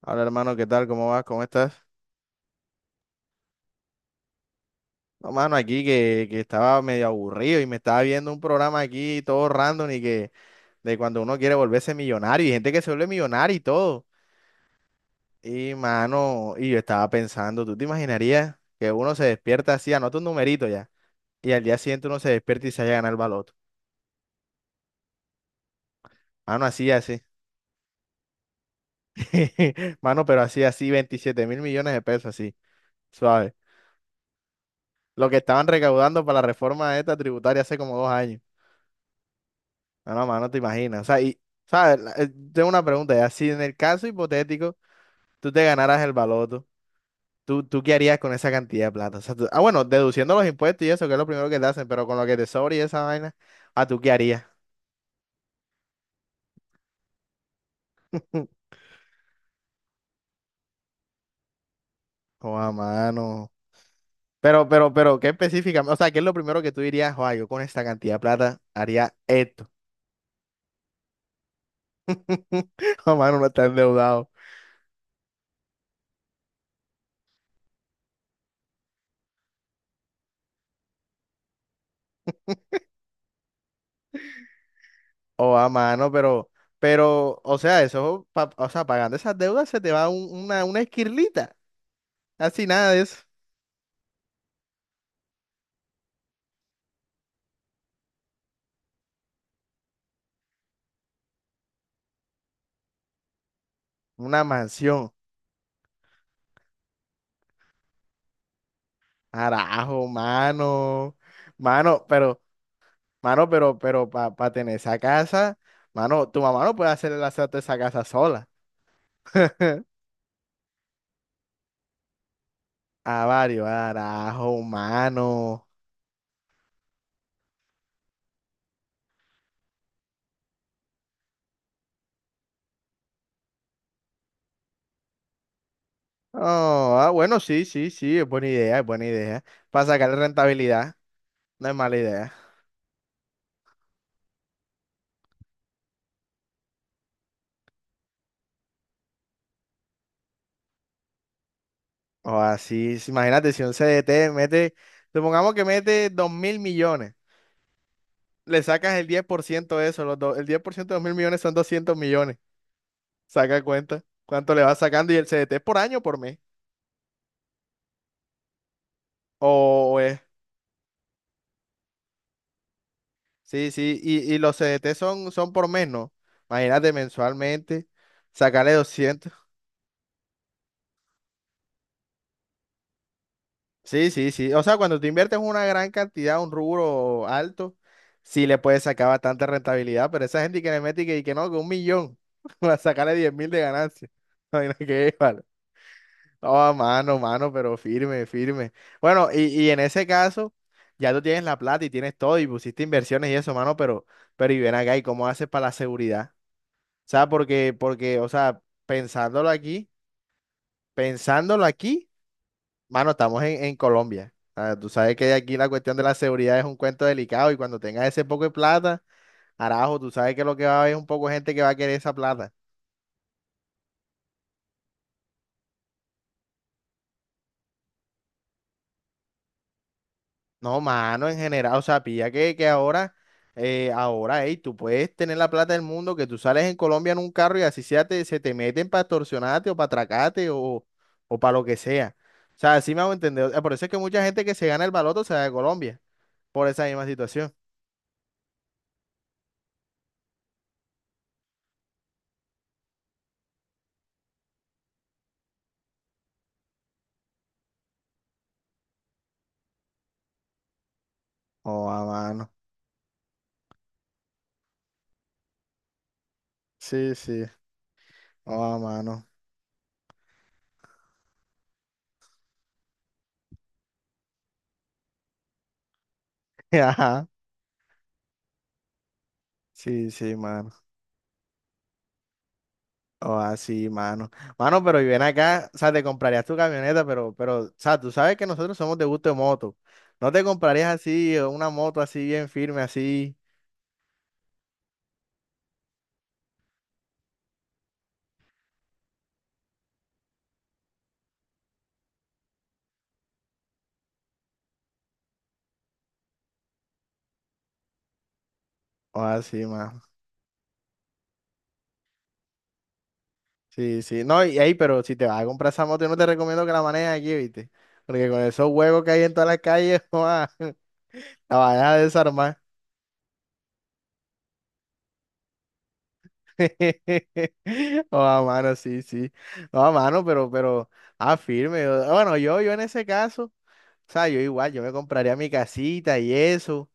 Hola, hermano, ¿qué tal? ¿Cómo vas? ¿Cómo estás? No, mano, aquí que estaba medio aburrido y me estaba viendo un programa aquí todo random y que de cuando uno quiere volverse millonario y gente que se vuelve millonario y todo. Y mano, y yo estaba pensando, ¿tú te imaginarías que uno se despierta así, anota un numerito ya, y al día siguiente uno se despierta y se haya ganado el baloto? Mano, así, así. Mano, pero así, así, 27.000.000.000 de pesos, así, suave. Lo que estaban recaudando para la reforma esta tributaria hace como 2 años. No, no, mano, te imaginas. O sea, y ¿sabes? Tengo una pregunta ya. Si en el caso hipotético tú te ganaras el baloto, ¿tú qué harías con esa cantidad de plata? O sea, bueno, deduciendo los impuestos y eso, que es lo primero que te hacen, pero con lo que te sobra y esa vaina, ¿a tú qué harías? Joa, mano. Pero, ¿qué específica? O sea, ¿qué es lo primero que tú dirías? Joa, yo con esta cantidad de plata haría esto. Joa, mano, no está endeudado. Joa, mano, pero, o sea, eso, o sea, pagando esas deudas se te va una esquirlita. Así nada de eso. Una mansión. Carajo, mano. Mano, pero, mano, pero, para tener esa casa, mano, tu mamá no puede hacer el asalto de esa casa sola. A varios, carajo, mano. Oh, ah, bueno, sí, sí, sí, es buena idea, es buena idea. Para sacarle rentabilidad, no es mala idea. O así, sí, imagínate si un CDT mete, supongamos que mete 2.000.000.000, le sacas el 10% de eso, el 10% de 2.000.000.000 son 200.000.000. Saca cuenta cuánto le vas sacando y el CDT es por año o por mes. O, es. Sí, sí, y los CDT son, son por mes, ¿no? Imagínate mensualmente, sacarle doscientos. Sí, sí, sí. O sea, cuando te inviertes una gran cantidad, un rubro alto, sí le puedes sacar bastante rentabilidad, pero esa gente que le mete y que no, que un millón, para sacarle 10.000 de ganancia. Imagina que vale. No, mano, mano, pero firme, firme. Bueno, y en ese caso, ya tú tienes la plata y tienes todo y pusiste inversiones y eso, mano, pero y ven acá, ¿y cómo haces para la seguridad? O sea, porque, porque, o sea, pensándolo aquí, pensándolo aquí, mano, estamos en Colombia. Ah, tú sabes que aquí la cuestión de la seguridad es un cuento delicado y cuando tengas ese poco de plata, arajo, tú sabes que lo que va a haber es un poco de gente que va a querer esa plata. No, mano, en general, o sea, pilla que ahora, ahora, ey, tú puedes tener la plata del mundo, que tú sales en Colombia en un carro y así sea, te, se te meten para extorsionarte o para atracarte o para lo que sea. O sea, así me hago entender. O sea, por eso es que mucha gente que se gana el baloto se va de Colombia, por esa misma situación. Oh, a mano. Sí, sí, oh, a mano. Ajá, sí, sí, mano. O así, mano. Mano, pero y ven acá, o sea, te comprarías tu camioneta, pero, o sea, tú sabes que nosotros somos de gusto de moto. No te comprarías así, una moto así bien firme, así, o así, mano. Sí, sí. No, y ahí, pero si te vas a comprar esa moto, yo no te recomiendo que la manejes aquí, ¿viste? Porque con esos huevos que hay en todas las calles, joa, la vayas a desarmar. Oh, a mano, sí, sí. No, a mano, pero, ah, firme. Bueno, yo en ese caso, o sea, yo igual, yo me compraría mi casita y eso.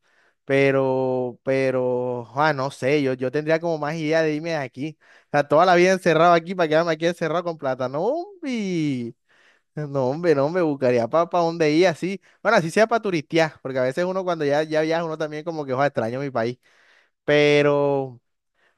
Pero, ah, no sé, yo tendría como más idea de irme de aquí. O sea, toda la vida encerrado aquí para quedarme aquí encerrado con plata. No, hombre. No, hombre, no, me buscaría para dónde ir así. Bueno, así sea para turistear, porque a veces uno cuando ya, ya viaja, uno también como que, ojalá extraño mi país. Pero,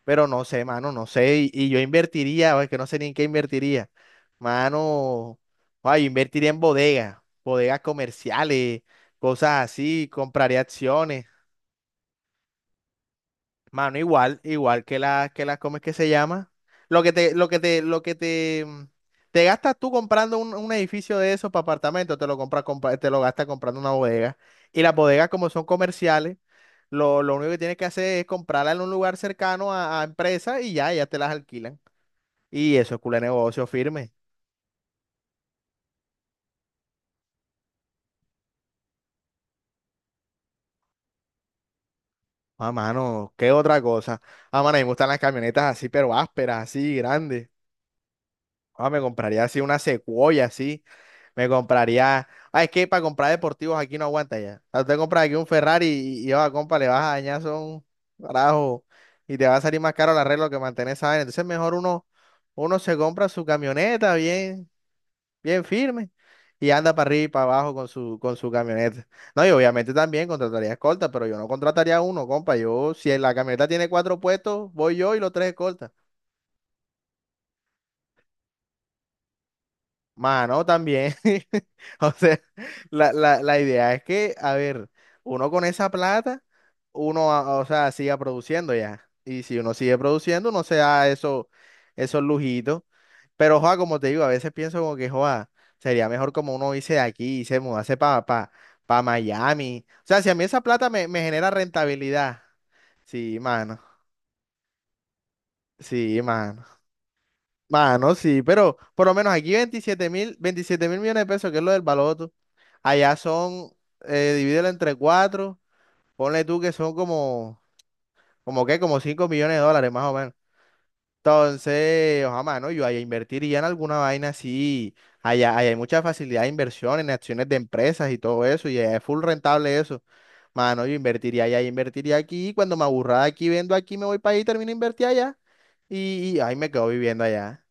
pero no sé, mano, no sé. Y yo invertiría, o es que no sé ni en qué invertiría. Mano, ay, yo invertiría en bodegas, bodegas comerciales, cosas así, compraría acciones. Mano, igual, igual que la, ¿cómo es que se llama? Lo que te, lo que te, lo que te, mm, te gastas tú comprando un edificio de esos para apartamentos, te lo compras, te lo gastas comprando una bodega. Y las bodegas, como son comerciales, lo único que tienes que hacer es comprarla en un lugar cercano a empresas y ya, ya te las alquilan. Y eso es culo de negocio firme. Ah, mano, ¿qué otra cosa? Ah, mano, a mí me gustan las camionetas así, pero ásperas, así, grandes. Ah, me compraría así una Sequoia, así. Me compraría. Ah, es que para comprar deportivos aquí no aguanta ya. O sea, usted compra aquí un Ferrari y, oh, compa, le vas a dañar son carajo. Y te va a salir más caro el arreglo que mantener esa vaina. Entonces, mejor uno, uno se compra su camioneta bien, bien firme y anda para arriba y para abajo con su camioneta. No, y obviamente también contrataría escolta, pero yo no contrataría uno, compa. Yo, si la camioneta tiene 4 puestos, voy yo y los 3 escoltas. Mano, también. O sea, la idea es que, a ver, uno con esa plata, uno, o sea, siga produciendo ya. Y si uno sigue produciendo, uno se da eso, esos lujitos. Pero, joa, como te digo, a veces pienso como que, joa, sería mejor como uno irse de aquí y se mudase para pa Miami. O sea, si a mí esa plata me, me genera rentabilidad. Sí, mano. Sí, mano. Mano, sí, pero por lo menos aquí 27 mil, 27 mil millones de pesos, que es lo del baloto. Allá son, divídelo entre cuatro, ponle tú que son como, como qué, como US$5.000.000 más o menos. Entonces, ojalá, mano, yo allá invertiría en alguna vaina así. Allá, allá hay mucha facilidad de inversión en acciones de empresas y todo eso, y allá es full rentable eso. Mano, yo invertiría allá, yo invertiría aquí, y cuando me aburra de aquí, vendo aquí, me voy para allá y termino de invertir allá. Y ahí me quedo viviendo allá.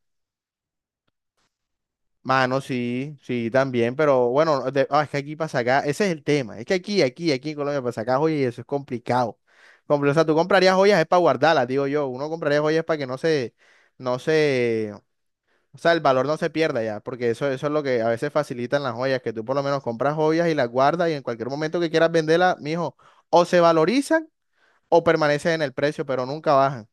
Mano, sí, sí, también, pero bueno, es que aquí para sacar, ese es el tema, es que aquí, aquí, aquí en Colombia para sacar joyas y eso es complicado. O sea, tú comprarías joyas es para guardarlas, digo yo, uno compraría joyas para que no se, o sea, el valor no se pierda ya, porque eso es lo que a veces facilitan las joyas, que tú por lo menos compras joyas y las guardas y en cualquier momento que quieras venderlas, mijo, o se valorizan o permanecen en el precio, pero nunca bajan.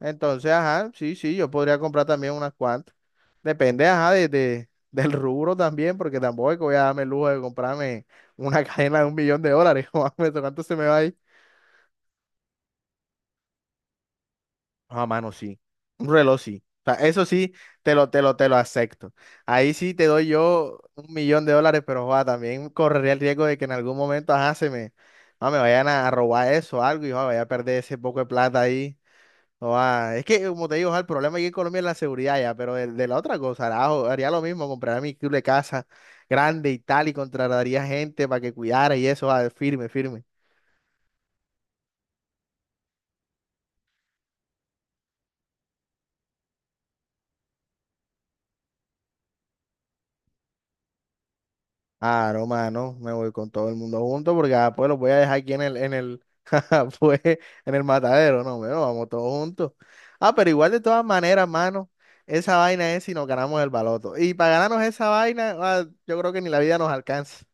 Entonces, ajá, sí, sí, yo podría comprar también unas cuantas. Depende, ajá, de, del rubro también, porque tampoco es que voy a darme el lujo de comprarme una cadena de US$1.000.000. Joder, maestro, ¿cuánto se me va ahí? Ah, mano, sí. Un reloj, sí. O sea, eso sí, te lo acepto. Ahí sí te doy yo US$1.000.000, pero joda también correría el riesgo de que en algún momento, ajá, me vayan a robar eso o algo y joda vaya a perder ese poco de plata ahí. No, ah, es que, como te digo, ah, el problema aquí en Colombia es la seguridad ya, pero de la otra cosa, haría lo mismo, compraría mi club de casa grande y tal, y contrataría gente para que cuidara y eso, ah, firme, firme. Ah, no, mano, me voy con todo el mundo junto porque ah, pues los voy a dejar aquí en el, jaja, pues, en el matadero, no, bueno, vamos todos juntos. Ah, pero igual de todas maneras, mano, esa vaina es si nos ganamos el baloto. Y para ganarnos esa vaina, ah, yo creo que ni la vida nos alcanza.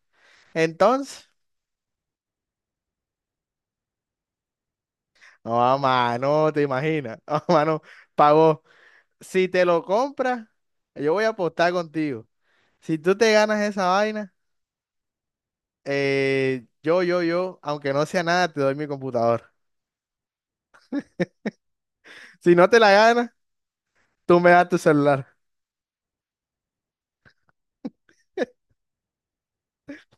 Entonces... No, a mano, te imaginas. No, mano, pagó. Si te lo compras, yo voy a apostar contigo. Si tú te ganas esa vaina, yo, aunque no sea nada, te doy mi computadora. Si no te la ganas, tú me das tu celular.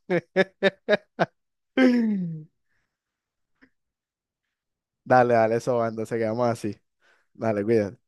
Dale, dale, eso va, entonces quedamos así. Dale, cuídate.